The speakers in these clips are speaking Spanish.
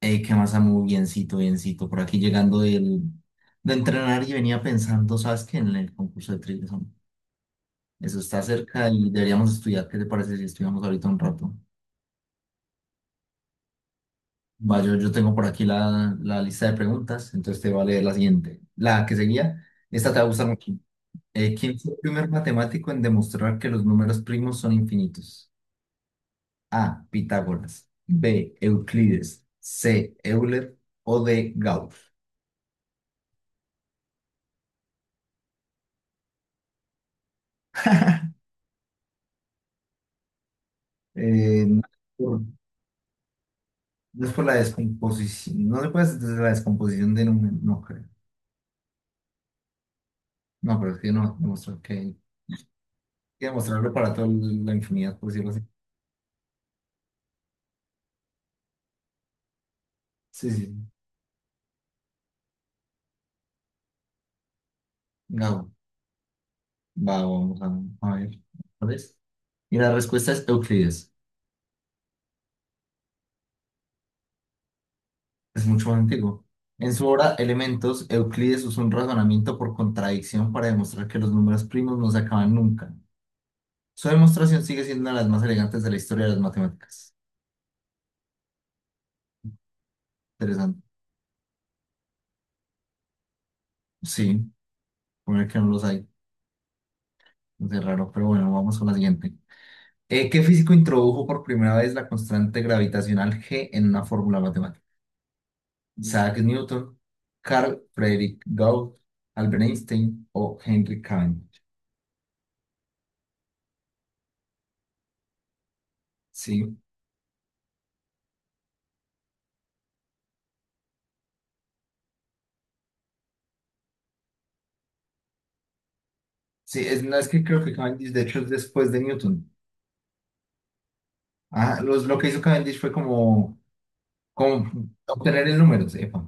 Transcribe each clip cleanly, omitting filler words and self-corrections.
¿Qué más, Samu? Biencito, biencito. Por aquí llegando de entrenar y venía pensando, ¿sabes qué? En el concurso de trivias, Samu. Eso está cerca y deberíamos estudiar. ¿Qué te parece si estudiamos ahorita un rato? Va, yo tengo por aquí la lista de preguntas, entonces te voy a leer la siguiente. La que seguía, esta te va a gustar mucho. ¿Quién fue el primer matemático en demostrar que los números primos son infinitos? A. Pitágoras. B. Euclides. C. Euler. O D. Gauss. Eh, No es por la descomposición, no después de la descomposición de número, no creo. No, pero es que no, demostrar que hay que demostrarlo para toda la infinidad, por decirlo así. Sí, sí. Gabo, va, vamos a ver. ¿Cuál es? Y la respuesta es Euclides. Es mucho más antiguo. En su obra Elementos, Euclides usó un razonamiento por contradicción para demostrar que los números primos no se acaban nunca. Su demostración sigue siendo una de las más elegantes de la historia de las matemáticas. Interesante. Sí, poner que no los hay. Es raro, pero bueno, vamos con la siguiente. ¿Qué físico introdujo por primera vez la constante gravitacional G en una fórmula matemática? Isaac Newton, Carl Friedrich Gauss, Albert Einstein o Henry Cavendish. Sí, sí, no, es que creo que Cavendish de hecho es después de Newton. Ah, lo que hizo Cavendish fue como obtener el número, sepa.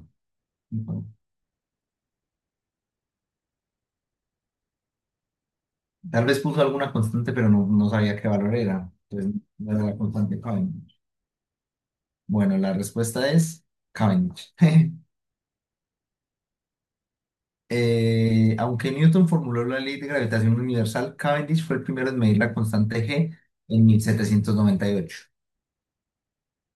Tal vez puso alguna constante, pero no, no sabía qué valor era. Entonces, no era la constante de Cavendish. Bueno, la respuesta es Cavendish. Aunque Newton formuló la ley de gravitación universal, Cavendish fue el primero en medir la constante G en 1798.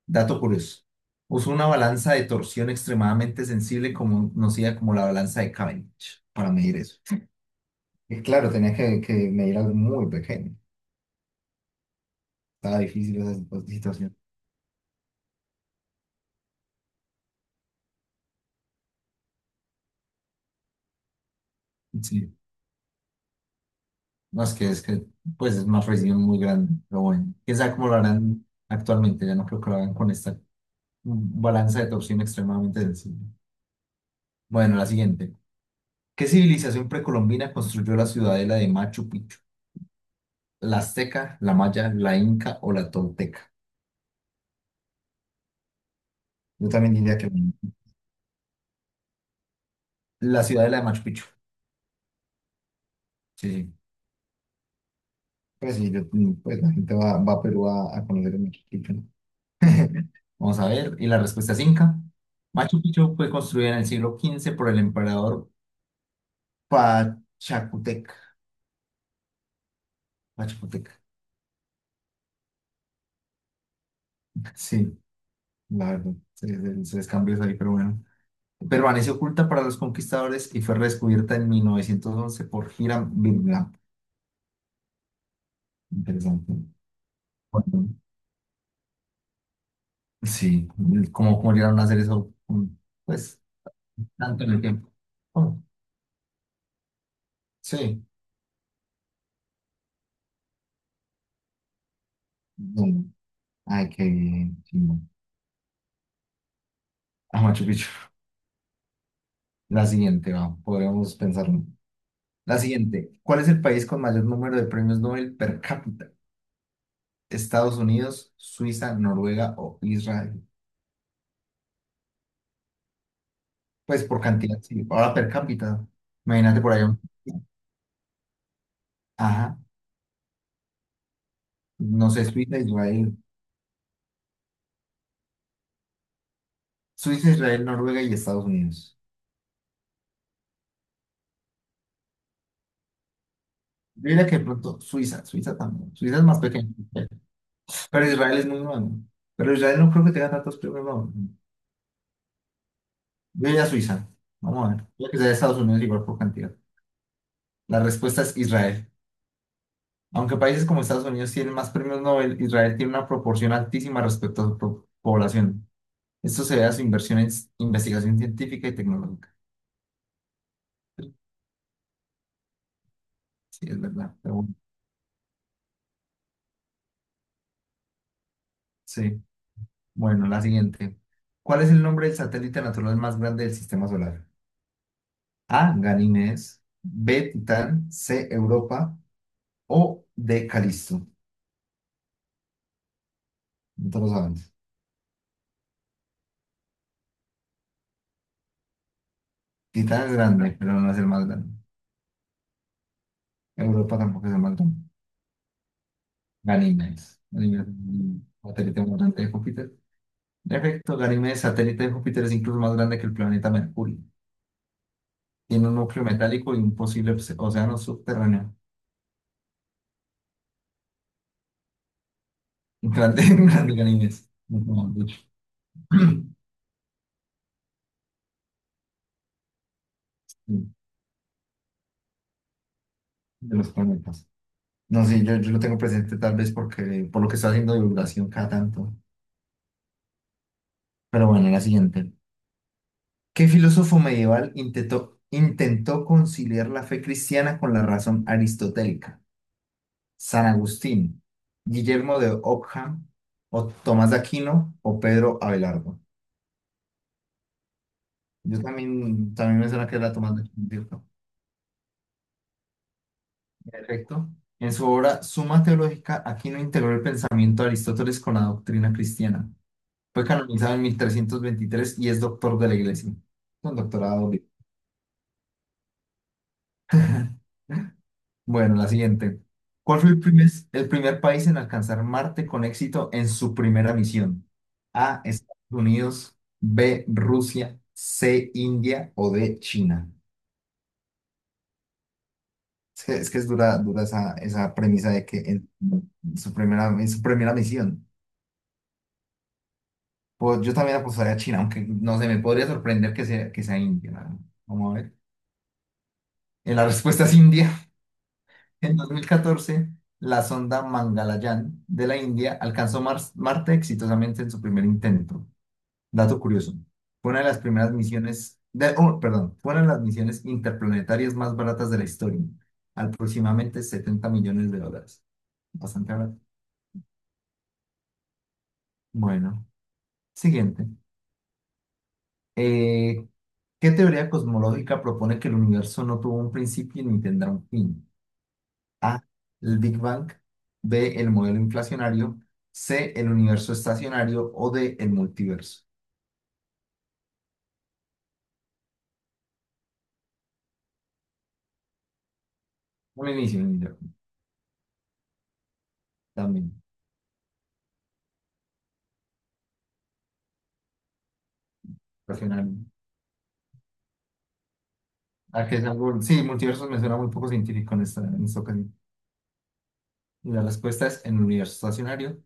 Dato curioso. Usó una balanza de torsión extremadamente sensible conocida como la balanza de Cavendish para medir eso. Y claro, tenía que medir algo muy pequeño. Estaba difícil esa situación. Sí. No, es que pues es una precisión muy grande, pero bueno. Quién sabe cómo lo harán actualmente. Ya no creo que lo hagan con esta balanza de torsión extremadamente sensible. Bueno, la siguiente. ¿Qué civilización precolombina construyó la ciudadela de Machu Picchu? ¿La azteca, la maya, la inca o la tolteca? Yo también diría que no. La ciudadela de Machu Picchu. Sí, sí. Pues sí, pues la gente va a Perú a conocer el Machu Picchu, ¿no? Vamos a ver. Y la respuesta es inca. Machu Picchu fue construida en el siglo XV por el emperador Pachacutec. Pachacutec. Sí, la verdad, se les cambió eso ahí, pero bueno. Permaneció oculta para los conquistadores y fue redescubierta en 1911 por Hiram Bingham. Interesante. Bueno, sí, cómo llegaron a hacer eso, pues, tanto en el tiempo. Oh, sí. Bueno, ay, qué bien, chimba. A Machu Picchu. La siguiente, va, podríamos pensarlo. La siguiente. ¿Cuál es el país con mayor número de premios Nobel per cápita? ¿Estados Unidos, Suiza, Noruega o Israel? Pues por cantidad, sí. Ahora per cápita. Imagínate por ahí. Ajá, no sé, Suiza, Israel. Suiza, Israel, Noruega y Estados Unidos. Yo diría que de pronto Suiza, Suiza también. Suiza es más pequeño, pero Israel es muy bueno. Pero Israel no creo que tenga tantos premios Nobel. Yo diría Suiza. Vamos a ver. Yo que sea de Estados Unidos igual por cantidad. La respuesta es Israel. Aunque países como Estados Unidos tienen más premios Nobel, Israel tiene una proporción altísima respecto a su población. Esto se ve a su inversión en investigación científica y tecnológica. Sí, es verdad. Pero bueno, sí. Bueno, la siguiente. ¿Cuál es el nombre del satélite natural más grande del sistema solar? A. Ganímedes. B. Titán. C. Europa. O D. Calisto. No te lo sabes. Titán es grande, pero no es el más grande. Europa tampoco es el más grande. Ganímedes. Ganímedes es un satélite más grande de Júpiter. En efecto, Ganímedes, satélite de Júpiter, es incluso más grande que el planeta Mercurio. Tiene un núcleo metálico y un posible océano subterráneo. Grande, grande Ganímedes. No, no, de hecho. De los planetas. No sé, yo lo tengo presente tal vez porque por lo que está haciendo divulgación cada tanto. Pero bueno, la siguiente. ¿Qué filósofo medieval intentó conciliar la fe cristiana con la razón aristotélica? ¿San Agustín, Guillermo de Ockham, o Tomás de Aquino, o Pedro Abelardo? Yo también me suena que era Tomás de Aquino, ¿cierto? Perfecto. En su obra Suma Teológica, Aquino integró el pensamiento de Aristóteles con la doctrina cristiana. Fue canonizado en 1323 y es doctor de la iglesia. Un doctorado. Bien. Bueno, la siguiente. ¿Cuál fue el primer país en alcanzar Marte con éxito en su primera misión? A, Estados Unidos, B, Rusia, C, India o D, China. Es que es dura esa premisa de que en su primera misión. Pues yo también apostaría a China, aunque no sé, me podría sorprender que sea, India. ¿No? Vamos a ver. La respuesta es India. En 2014, la sonda Mangalyaan de la India alcanzó Marte exitosamente en su primer intento. Dato curioso. Fue una de las primeras misiones, oh, perdón, fue una de las misiones interplanetarias más baratas de la historia, aproximadamente 70 millones de dólares. Bastante barato. Bueno, siguiente. Eh, ¿Qué teoría cosmológica propone que el universo no tuvo un principio ni tendrá un fin? A, el Big Bang, B, el modelo inflacionario, C, el universo estacionario o D, el multiverso. Un inicio, también, racional. Ah, que es algo, sí, multiverso me suena muy poco científico en esta ocasión. Y la respuesta es el universo estacionario.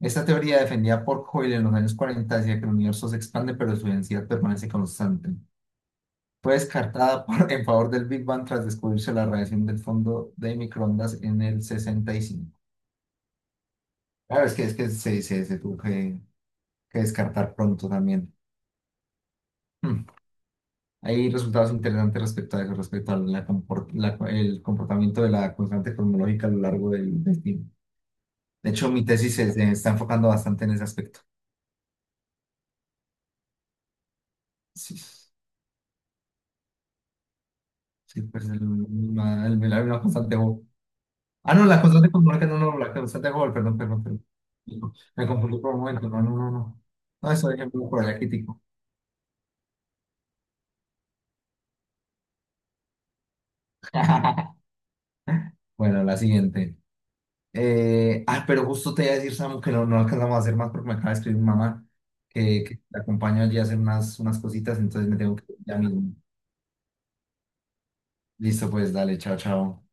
Esta teoría defendida por Hoyle en los años 40, decía que el universo se expande pero su densidad permanece constante. Fue descartada en favor del Big Bang tras descubrirse la radiación del fondo de microondas en el 65. Claro, es que se tuvo que descartar pronto también. Hmm. Hay resultados interesantes respecto a eso, respecto a el comportamiento de la constante cosmológica a lo largo del tiempo. De hecho, mi tesis se está enfocando bastante en ese aspecto. Sí, sí, pues el, una, el- la constante Hubble. Ah, no, la constante cosmológica, no, no, la constante Hubble, perdón, perdón, perdón. Me confundí por un momento, no, no, no, no. No, eso es ejemplo por el crítico. Bueno, la siguiente. Pero justo te iba a decir, Samu, que no, no alcanzamos a hacer más porque me acaba de escribir mi mamá que la acompaño allí a hacer unas cositas, entonces me tengo que ir ya mismo. Listo, pues dale, chao, chao.